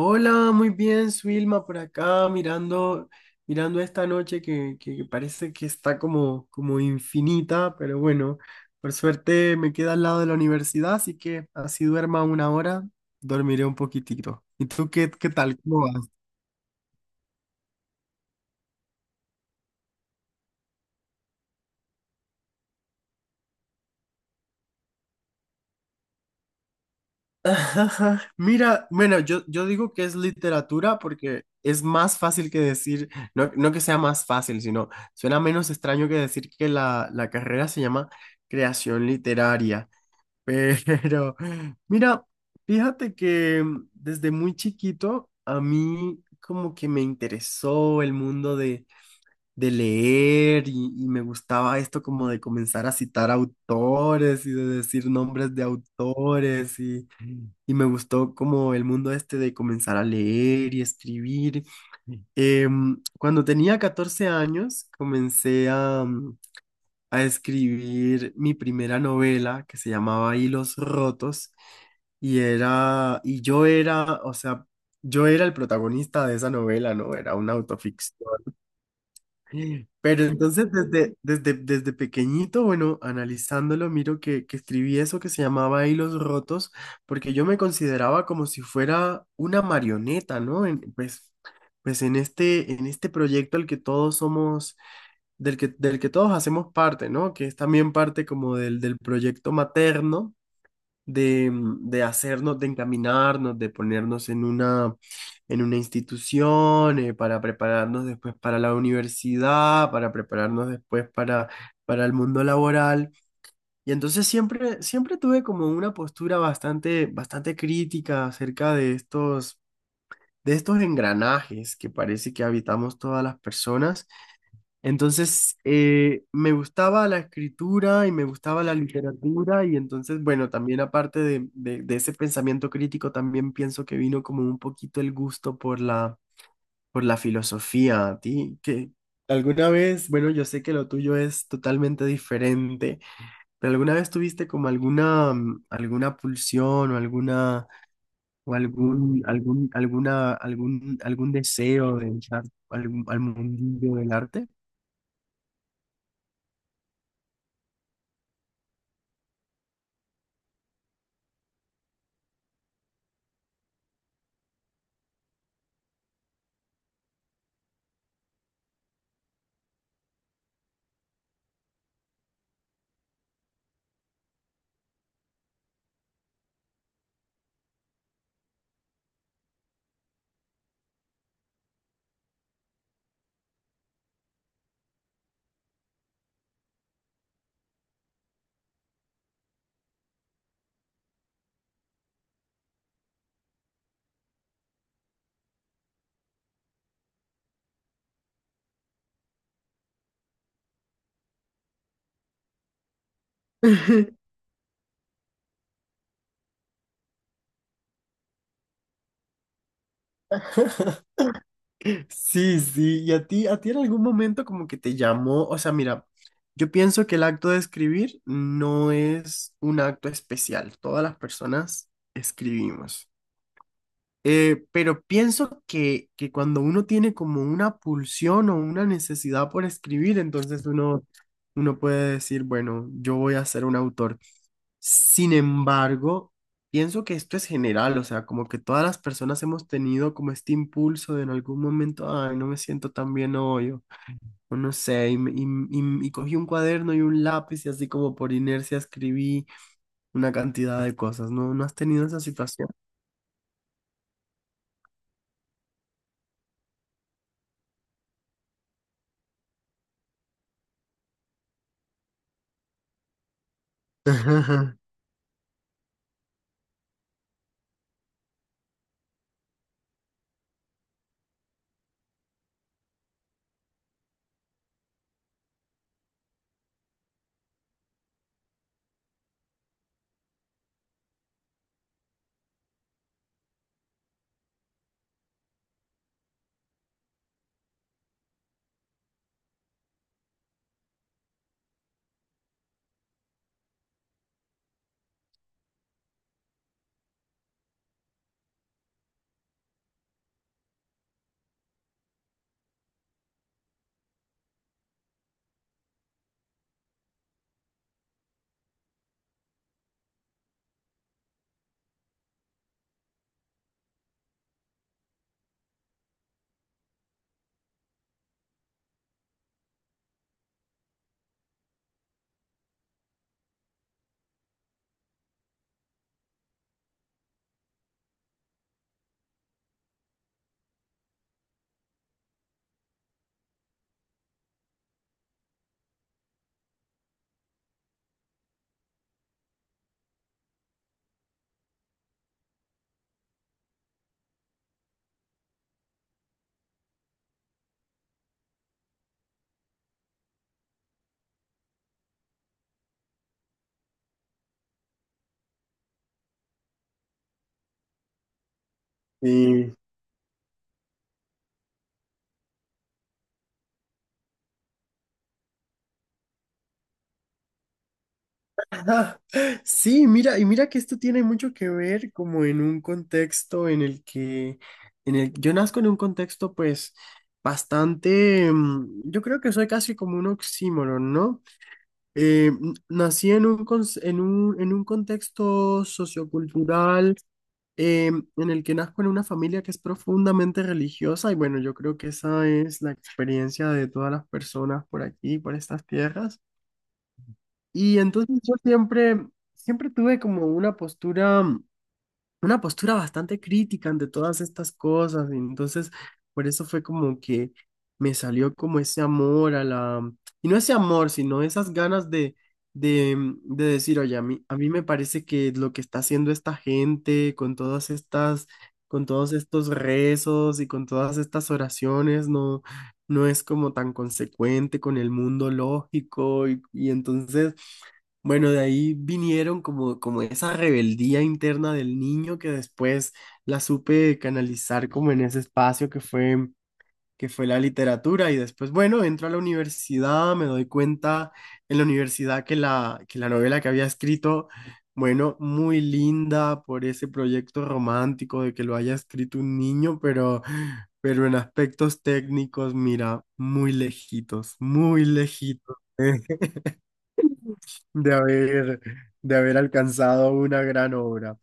Hola, muy bien, Suilma, por acá mirando, mirando esta noche que parece que está como infinita, pero bueno, por suerte me queda al lado de la universidad, así que así duerma una hora, dormiré un poquitito. ¿Y tú qué, qué tal? ¿Cómo vas? Ajá. Mira, bueno, yo digo que es literatura porque es más fácil que decir, no, no que sea más fácil, sino suena menos extraño que decir que la carrera se llama creación literaria. Pero, mira, fíjate que desde muy chiquito a mí como que me interesó el mundo de leer y me gustaba esto como de comenzar a citar autores y de decir nombres de autores y me gustó como el mundo este de comenzar a leer y escribir. Cuando tenía 14 años comencé a a escribir mi primera novela que se llamaba Hilos Rotos y era, y yo era, o sea, yo era el protagonista de esa novela, ¿no? Era una autoficción. Pero entonces desde pequeñito, bueno, analizándolo, miro que escribí eso que se llamaba Hilos Rotos, porque yo me consideraba como si fuera una marioneta, ¿no? Pues, pues en este proyecto al que todos somos, del que todos hacemos parte, ¿no? Que es también parte como del proyecto materno de de hacernos, de encaminarnos, de ponernos en una institución, para prepararnos después para la universidad, para prepararnos para el mundo laboral. Y entonces siempre, siempre tuve como una postura bastante, bastante crítica acerca de estos engranajes que parece que habitamos todas las personas. Entonces, me gustaba la escritura y me gustaba la literatura y entonces, bueno, también aparte de ese pensamiento crítico, también pienso que vino como un poquito el gusto por por la filosofía. ¿A ti que alguna vez, bueno, yo sé que lo tuyo es totalmente diferente, pero alguna vez tuviste como alguna alguna pulsión o alguna, o algún deseo de entrar al mundillo del arte? Sí, sí, y a ti en algún momento como que te llamó, o sea, mira, yo pienso que el acto de escribir no es un acto especial, todas las personas escribimos. Pero pienso que cuando uno tiene como una pulsión o una necesidad por escribir, entonces uno puede decir, bueno, yo voy a ser un autor. Sin embargo, pienso que esto es general, o sea, como que todas las personas hemos tenido como este impulso de en algún momento, ay, no me siento tan bien hoy, o no sé, y cogí un cuaderno y un lápiz y así como por inercia escribí una cantidad de cosas, ¿no? ¿No has tenido esa situación? Sí. Ah, sí, mira, y mira que esto tiene mucho que ver como en un contexto en el que, en el, yo nazco en un contexto pues bastante yo creo que soy casi como un oxímoron, ¿no? Nací en un, en un contexto sociocultural eh, en el que nazco en una familia que es profundamente religiosa y bueno, yo creo que esa es la experiencia de todas las personas por aquí, por estas tierras. Y entonces yo siempre, siempre tuve como una postura bastante crítica ante todas estas cosas. Y entonces, por eso fue como que me salió como ese amor a y no ese amor, sino esas ganas de de decir, oye, a mí me parece que lo que está haciendo esta gente con todas estas, con todos estos rezos y con todas estas oraciones, no, no es como tan consecuente con el mundo lógico. Y entonces... Bueno, de ahí vinieron como, como esa rebeldía interna del niño que después la supe canalizar como en ese espacio que fue la literatura. Y después, bueno, entro a la universidad, me doy cuenta en la universidad que que la novela que había escrito, bueno, muy linda por ese proyecto romántico de que lo haya escrito un niño, pero en aspectos técnicos, mira, muy lejitos, muy lejitos de haber, de haber alcanzado una gran obra.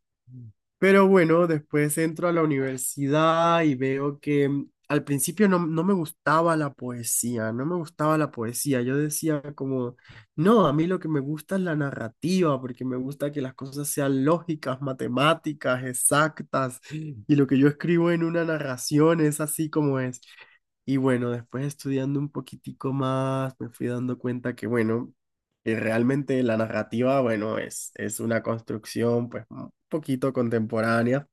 Pero bueno, después entro a la universidad y veo que al principio no, no me gustaba la poesía, no me gustaba la poesía. Yo decía como, no, a mí lo que me gusta es la narrativa, porque me gusta que las cosas sean lógicas, matemáticas, exactas, y lo que yo escribo en una narración es así como es. Y bueno, después estudiando un poquitico más, me fui dando cuenta que, bueno, y realmente la narrativa, bueno, es una construcción pues un poquito contemporánea,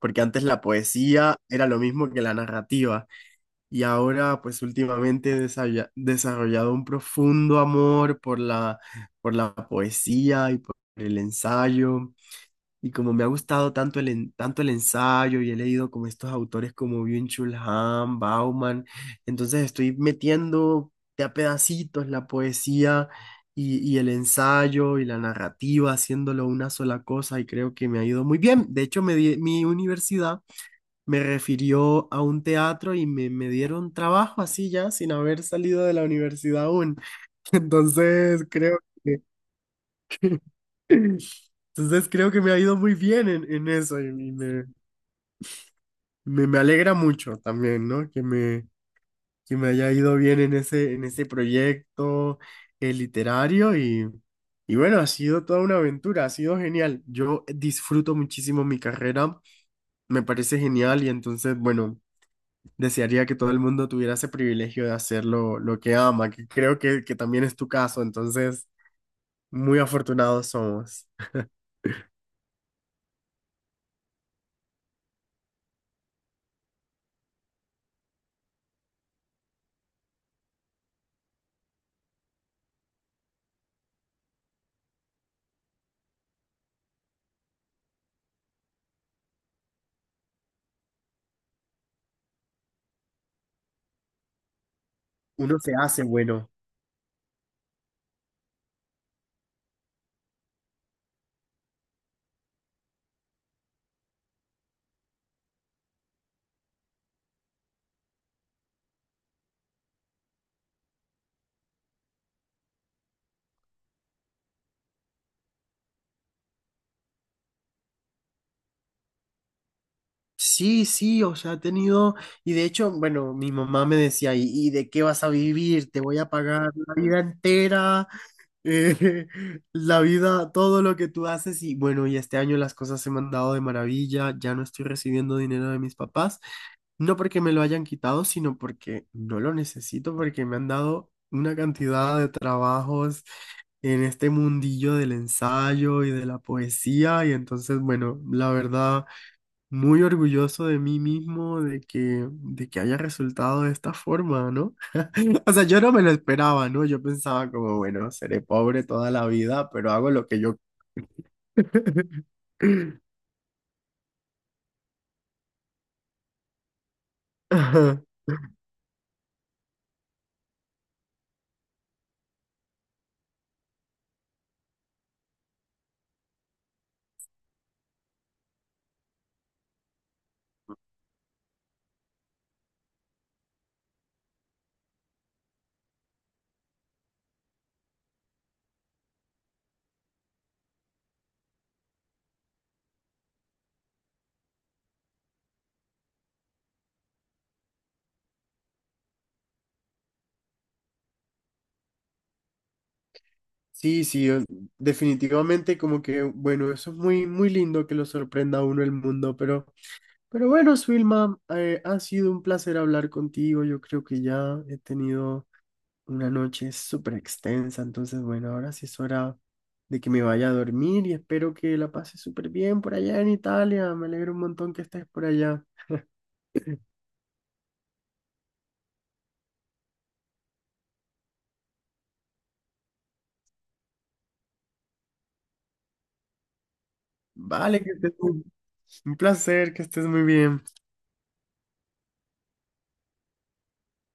porque antes la poesía era lo mismo que la narrativa y ahora pues últimamente he desarrollado un profundo amor por por la poesía y por el ensayo. Y como me ha gustado tanto tanto el ensayo y he leído como estos autores como Byung-Chul Han, Bauman, entonces estoy metiendo de a pedacitos la poesía y el ensayo y la narrativa, haciéndolo una sola cosa y creo que me ha ido muy bien. De hecho, mi universidad me refirió a un teatro y me dieron trabajo así ya, sin haber salido de la universidad aún. Entonces creo que... Entonces creo que me ha ido muy bien en eso y, me alegra mucho también, ¿no? Que me haya ido bien en ese proyecto literario y bueno, ha sido toda una aventura, ha sido genial. Yo disfruto muchísimo mi carrera, me parece genial y entonces, bueno, desearía que todo el mundo tuviera ese privilegio de hacer lo que ama, que creo que también es tu caso, entonces, muy afortunados somos. Uno se hace bueno. Sí, sí, o sea, ha tenido, y de hecho, bueno, mi mamá me decía, y de qué vas a vivir? Te voy a pagar la vida entera, eh, la vida, todo lo que tú haces, y bueno, y este año las cosas se me han dado de maravilla, ya no estoy recibiendo dinero de mis papás, no porque me lo hayan quitado, sino porque no lo necesito, porque me han dado una cantidad de trabajos en este mundillo del ensayo y de la poesía, y entonces, bueno, la verdad muy orgulloso de mí mismo de que haya resultado de esta forma, ¿no? O sea, yo no me lo esperaba, ¿no? Yo pensaba como, bueno, seré pobre toda la vida, pero hago lo que yo... Ajá. Sí, sí, o- definitivamente como que, bueno, eso es muy, muy lindo que lo sorprenda a uno el mundo, pero bueno, Swilma, ha sido un placer hablar contigo. Yo creo que ya he tenido una noche súper extensa, entonces bueno, ahora sí es hora de que me vaya a dormir y espero que la pases súper bien por allá en Italia. Me alegro un montón que estés por allá. Vale, que estés muy- un placer, que estés muy bien.